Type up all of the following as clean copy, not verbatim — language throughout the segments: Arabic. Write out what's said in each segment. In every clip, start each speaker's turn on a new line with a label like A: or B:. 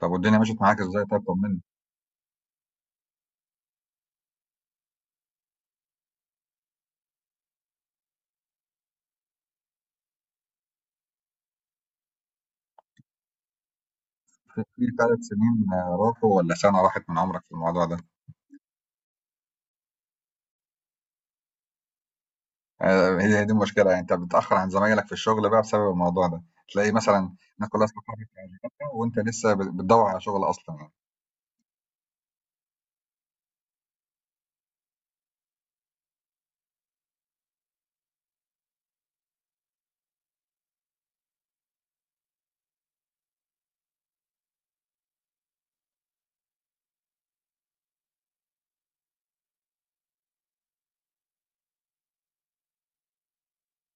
A: طب والدنيا مشيت معاك ازاي؟ طب طمني. في 3 سنين راحوا ولا سنة راحت من عمرك في الموضوع ده؟ هي هي دي المشكلة، يعني انت بتتأخر عن زمايلك في الشغل بقى بسبب الموضوع ده. تلاقي مثلا الناس كلها استقرت في وظيفتها وانت لسه بتدور على شغل اصلا يعني.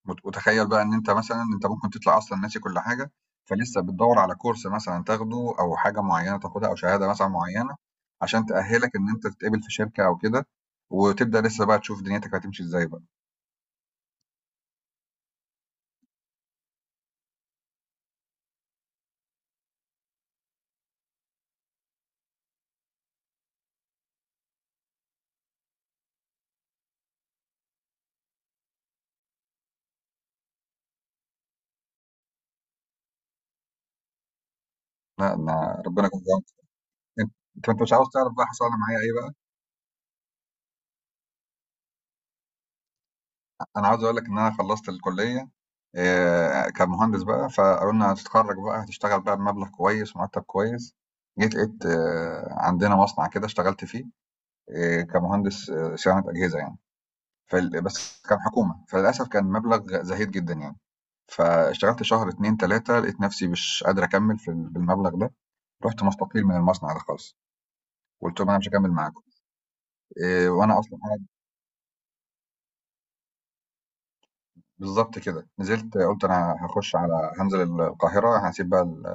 A: وتخيل بقى ان انت مثلا انت ممكن تطلع اصلا ناسي كل حاجة، فلسه بتدور على كورس مثلا تاخده او حاجة معينة تاخدها او شهادة مثلا معينة عشان تأهلك ان انت تتقبل في شركة او كده، وتبدأ لسه بقى تشوف دنيتك هتمشي ازاي بقى. لا انا ربنا يكون في. انت انت مش عاوز تعرف بقى حصل لي معايا ايه بقى؟ انا عاوز اقول لك ان انا خلصت الكليه كمهندس بقى، فقالوا لنا هتتخرج بقى هتشتغل بقى بمبلغ كويس، مرتب كويس. جيت لقيت عندنا مصنع كده اشتغلت فيه، كمهندس صيانه اجهزه يعني. بس كان حكومه فللاسف كان مبلغ زهيد جدا يعني. فاشتغلت شهر اتنين تلاته لقيت نفسي مش قادر اكمل في بالمبلغ ده. رحت مستقيل من المصنع ده خالص، قلت لهم انا مش هكمل معاكم. إيه، وانا اصلا بالضبط كده، نزلت، قُلت أنا هاخش على هانزل القاهرة، هاسيب بقى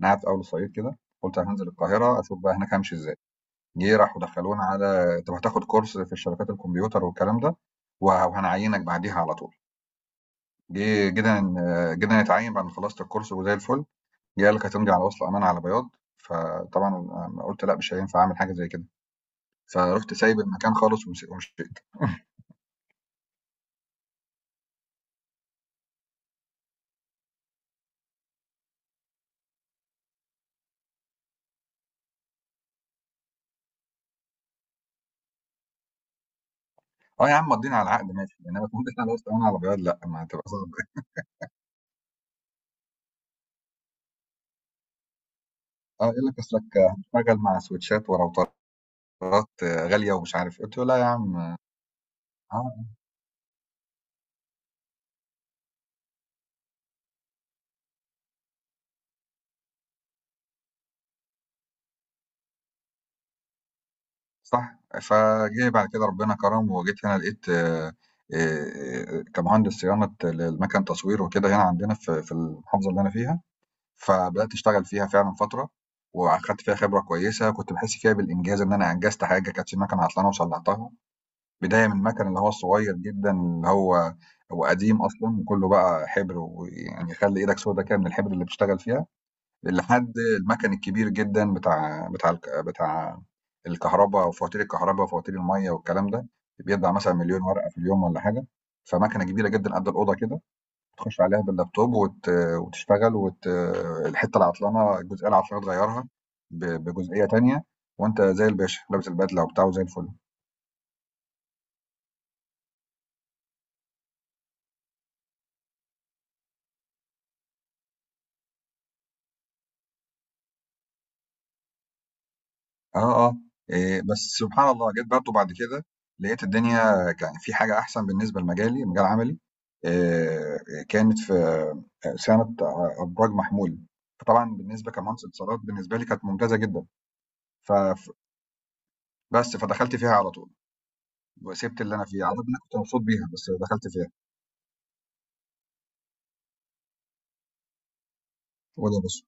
A: أنا قاعد في أول الصعيد كده، قُلت هانزل القاهرة أشوف بقى هناك هامشي إزاي. جه راحوا دخلونا على: "طَب هتاخد كورس في الشبكات الكمبيوتر والكلام ده وهنعيّنك بعديها على طول." جه جينا ن جينا نتعيّن بعد ما خلصت الكورس وزي الفُل، جه قال لك هتمضي على وصل أمانة على بياض. فطبعًا قُلت لأ، مش هينفع أعمل حاجة زي كده، فرُحت سايب المكان خالص ومشيت. آه يا عم، مضّينا على العقد ماشي، إنّما تمضي على وصل أمانة على بياض لأ، ما هتبقى صعبة. اه يقول لك اصلك هتشتغل مع سويتشات وراوترات غاليه ومش عارف إيه. قلت له لا يا عم. اه صح، فجه بعد كده ربنا كرم وجيت هنا لقيت آه، كمهندس صيانه للمكن تصوير وكده، هنا عندنا في المحافظه اللي انا فيها. فبدات اشتغل فيها فعلا فتره، واخدت فيها خبره كويسه، كنت بحس فيها بالانجاز ان انا انجزت حاجه، كانت في مكنه عطلانه وصلحتها. بدايه من المكن اللي هو الصغير جدا، اللي هو قديم اصلا وكله بقى حبر، ويعني يخلي ايدك سودا كده من الحبر اللي بتشتغل فيها، لحد المكن الكبير جدًا بتاع الكهربا وفواتير الكهربا وفواتير المَيّة والكلام ده، بيطبع مثلًا مليون ورقة في اليوم والّا حاجة. فمكنة كبيرة جدًا قد الأوضة كده، تخش عليها باللابتوب وتشتغل الحتة العطلانة الجزئية العطلانة تغيّرها بجزئية تانية، وأنت زي الباشا لابس البدلة وبتاع وزي الفل. آه، آه، بس سبحان الله جيت برضه بعد كده لقيت الدنيا كان في حاجة أحسن بالنسبة لمجالي، مجال عملي، آآ كانت في صيانة أبراج محمول. فطبعًا بالنسبة كمهندس اتصالات بالنسبة لي كانت ممتازة جدًا، ف ف بس فدخلت فيها على طول، وسِبت اللي أنا فيه على قد ما أنا كنت مبسوط بيها بس دخلت فيها. هو ده يا باشا.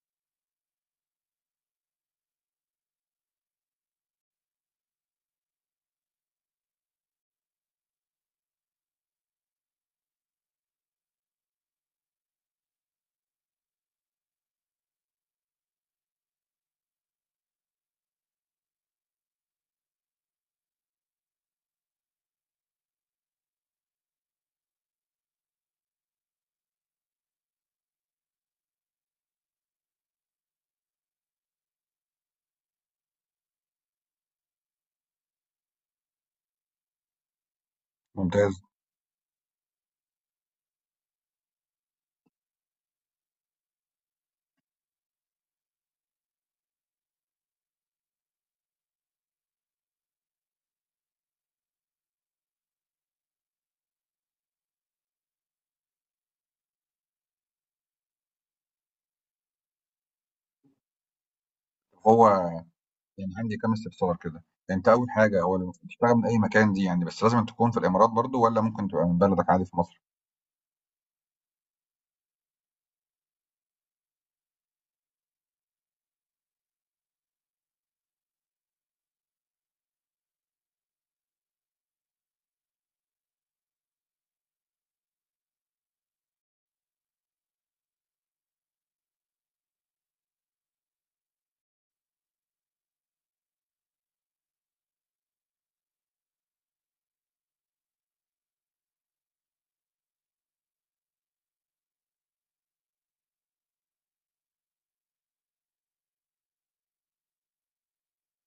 A: ممتاز. هو كان عندي كام استفسار كده، أنت أول حاجة هو لمّا بتشتغل من أي مكان دي يعني بس لازمًا تكون في الإمارات برضه والّا ممكن تبقى من بلدك عادي في مصر؟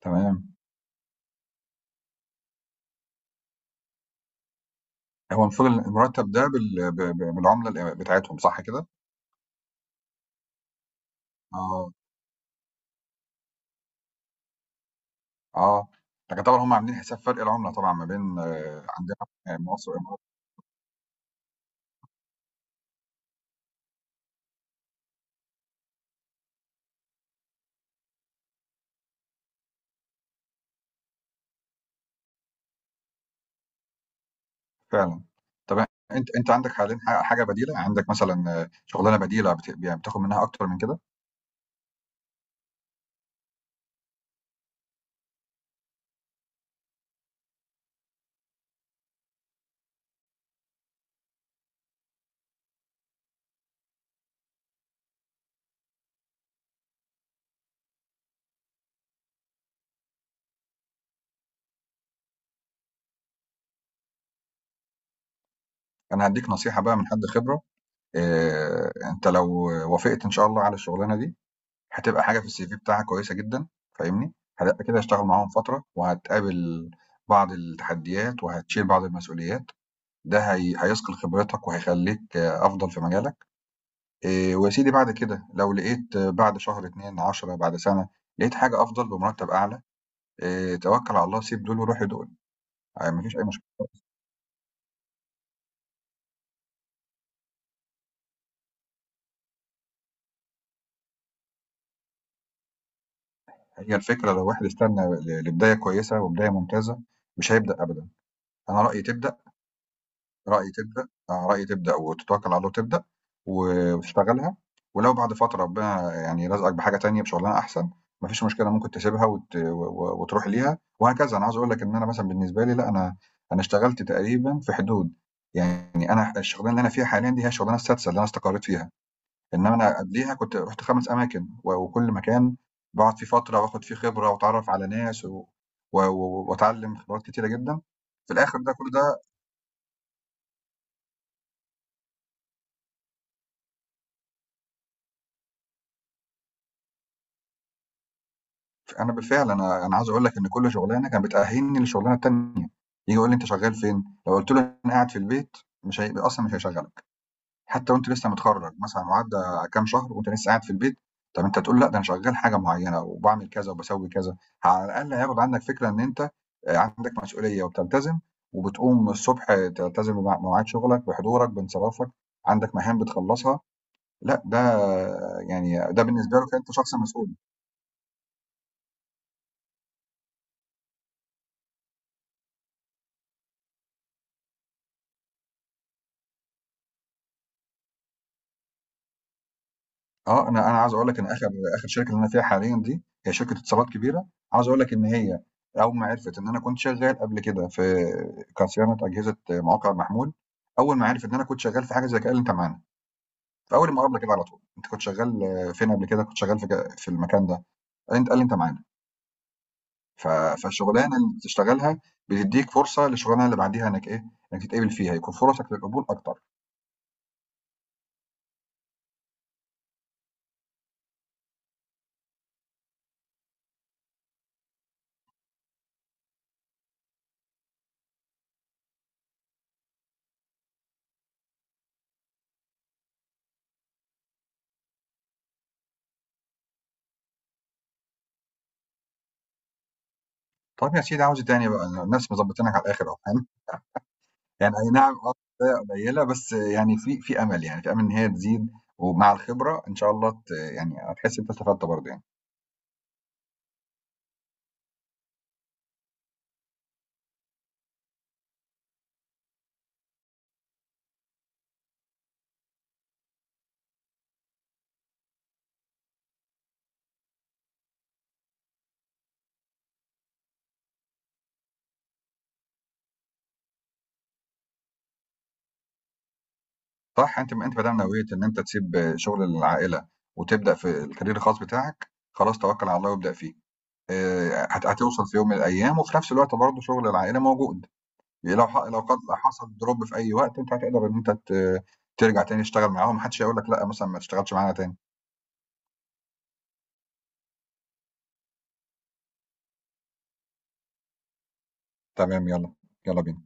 A: تمام. هو المفروض المرتب ده بال ب ب بالعملة بتاعتهم صح كده؟ آه، آه، لكن طبعًا هُم عاملين حساب فرق العملة طبعًا ما بين عندنا مصر والإمارات فعلًا. طب أنت عندك حاليًا حاجة بديلة، عندك مثلًا شغلانة بديلة يعني بتاخد منها أكتر من كده؟ أنا هادّيك نصيحة بقى من حد خبرة. أنت لو وافقت إن شاء الله على الشغلانة دي، هتبقى حاجة في الCV بتاعك كويسة جدًا. فاهمني؟ هتبقى كده هتشتغل معاهم فترة وهتقابل بعض التحديات وهتشيل بعض المسؤوليات. ده هي هيثقل خبرتك وهيخلّيك أفضل في مجالك. ويا سيدي بعد كده لو لقيت بعد شهر، 2، 10، بعد سَنة، لقيت حاجة أفضل بمرتب أعلى. توكّل على الله، سيب دول وروح لدول. ما فيش أي مشكلة. هي الفكرة لو واحد استنى لبداية كويسة وبداية ممتازة مش هيبدأ أبدًا. أنا رأيي تبدأ رأي تبدأ آه، رأي تبدأ وتتوكل على الله وتبدأ وتشتغلها، ولو بعد فترة ربنا يعني رزقك بحاجة تانية بشغلانة أحسن مفيش مشكلة ممكن تسيبها وتروح ليها وهكذا. أنا عاوز أقول لك إن أنا مثلا بالنسبة لي، لا، أنا اشتغلت تقريبا في حدود، يعني أنا الشغلانة اللي أنا فيها حاليا دي هي الشغلانة السادسة اللي أنا استقريت فيها. إنما أنا قبليها كنت رحت 5 أماكن، وكل مكان بقعد فيه فترة وآخد فيه خبرة وأتعرف على ناس وأتعلم خبرات كتيرة جدا في الآخر ده كل ده. أنا بالفعل أنا عاوز أقول لك إن كل شغلانة كانت بتأهّلني للشغلانة التانية، ييجي يقول لي: "أنت شغّال فين؟" لو قُلت له: "أنا قاعد في البيت"، مش هي أصلًا مش هيشغّلك، حتى وأنت لسّه متخرّج مثلًا وعدّى كام شهر وأنت لسّه قاعد في البيت. طَب أنت هتقول لأ، ده أنا شغّال حاجة معيّنة وباعمل كذا وباسوّي كذا، على الأقل هياخد عنّك فكرة إن أنت عندك مسؤولية وبتلتزم، وبتقوم الصبح تلتزم بمواعيد شغلك، بحضورك، بانصرافك، عندك مهام بتخلّصها. لأ ده يعني ده بالنسبة له كده أنت شخص مسؤول. أنا عاوز أقول لك إن آخر آخر شركة اللي أنا فيها حاليًا دي هي شركة اتصالات كبيرة، عاوز أقول لك إن هي أول ما عرفت إن أنا كنت شغال قبل كده كصيانة أجهزة مواقع محمول، أول ما عرفت إن أنا كنت شغال في حاجة زي كده قال لي: "أنت معانا." في أول المقابلة كده على طول: "أنت كنت شغال فين قبل كده؟" "كنت شغال في المكان ده." قال لي: "أنت"، قال لي: "أنت معانا." ف فالشغلانة اللي بتشتغلها بتدّيك فرصة للشغلانة اللي بعديها إنك إنك تتقبل فيها، يكون فرصك للقبول أكتر. طب يا سيدي عاوز إيه تاني بقى؟ الناس مضبطينك على الآخر أهو، يعني أي نعم. شوية قليلة، بس يعني في أمل يعني، في أمل إن هي تزيد ومع الخبرة إن شاء الله يعني هتحس إن أنت استفدت برضه يعني. صح، أنتِ ما دام نوّيت إن أنت تسيب شغل العائلة وتبدأ في الكارير الخاص بتاعك، خلاص توكّل على الله وابدأ فيه. هت هتوصل في يوم من الأيام وفي نفس الوقت برضه شغل العائلة موجود، لو قد حصل drop في أي وقت أنت هتقدر إن أنت ترجع تاني تشتغل معاهم، ما حدش هيقول لك لأ مثلًا ما تشتغلش معانا تاني. تمام يالّا، يالّا بينا.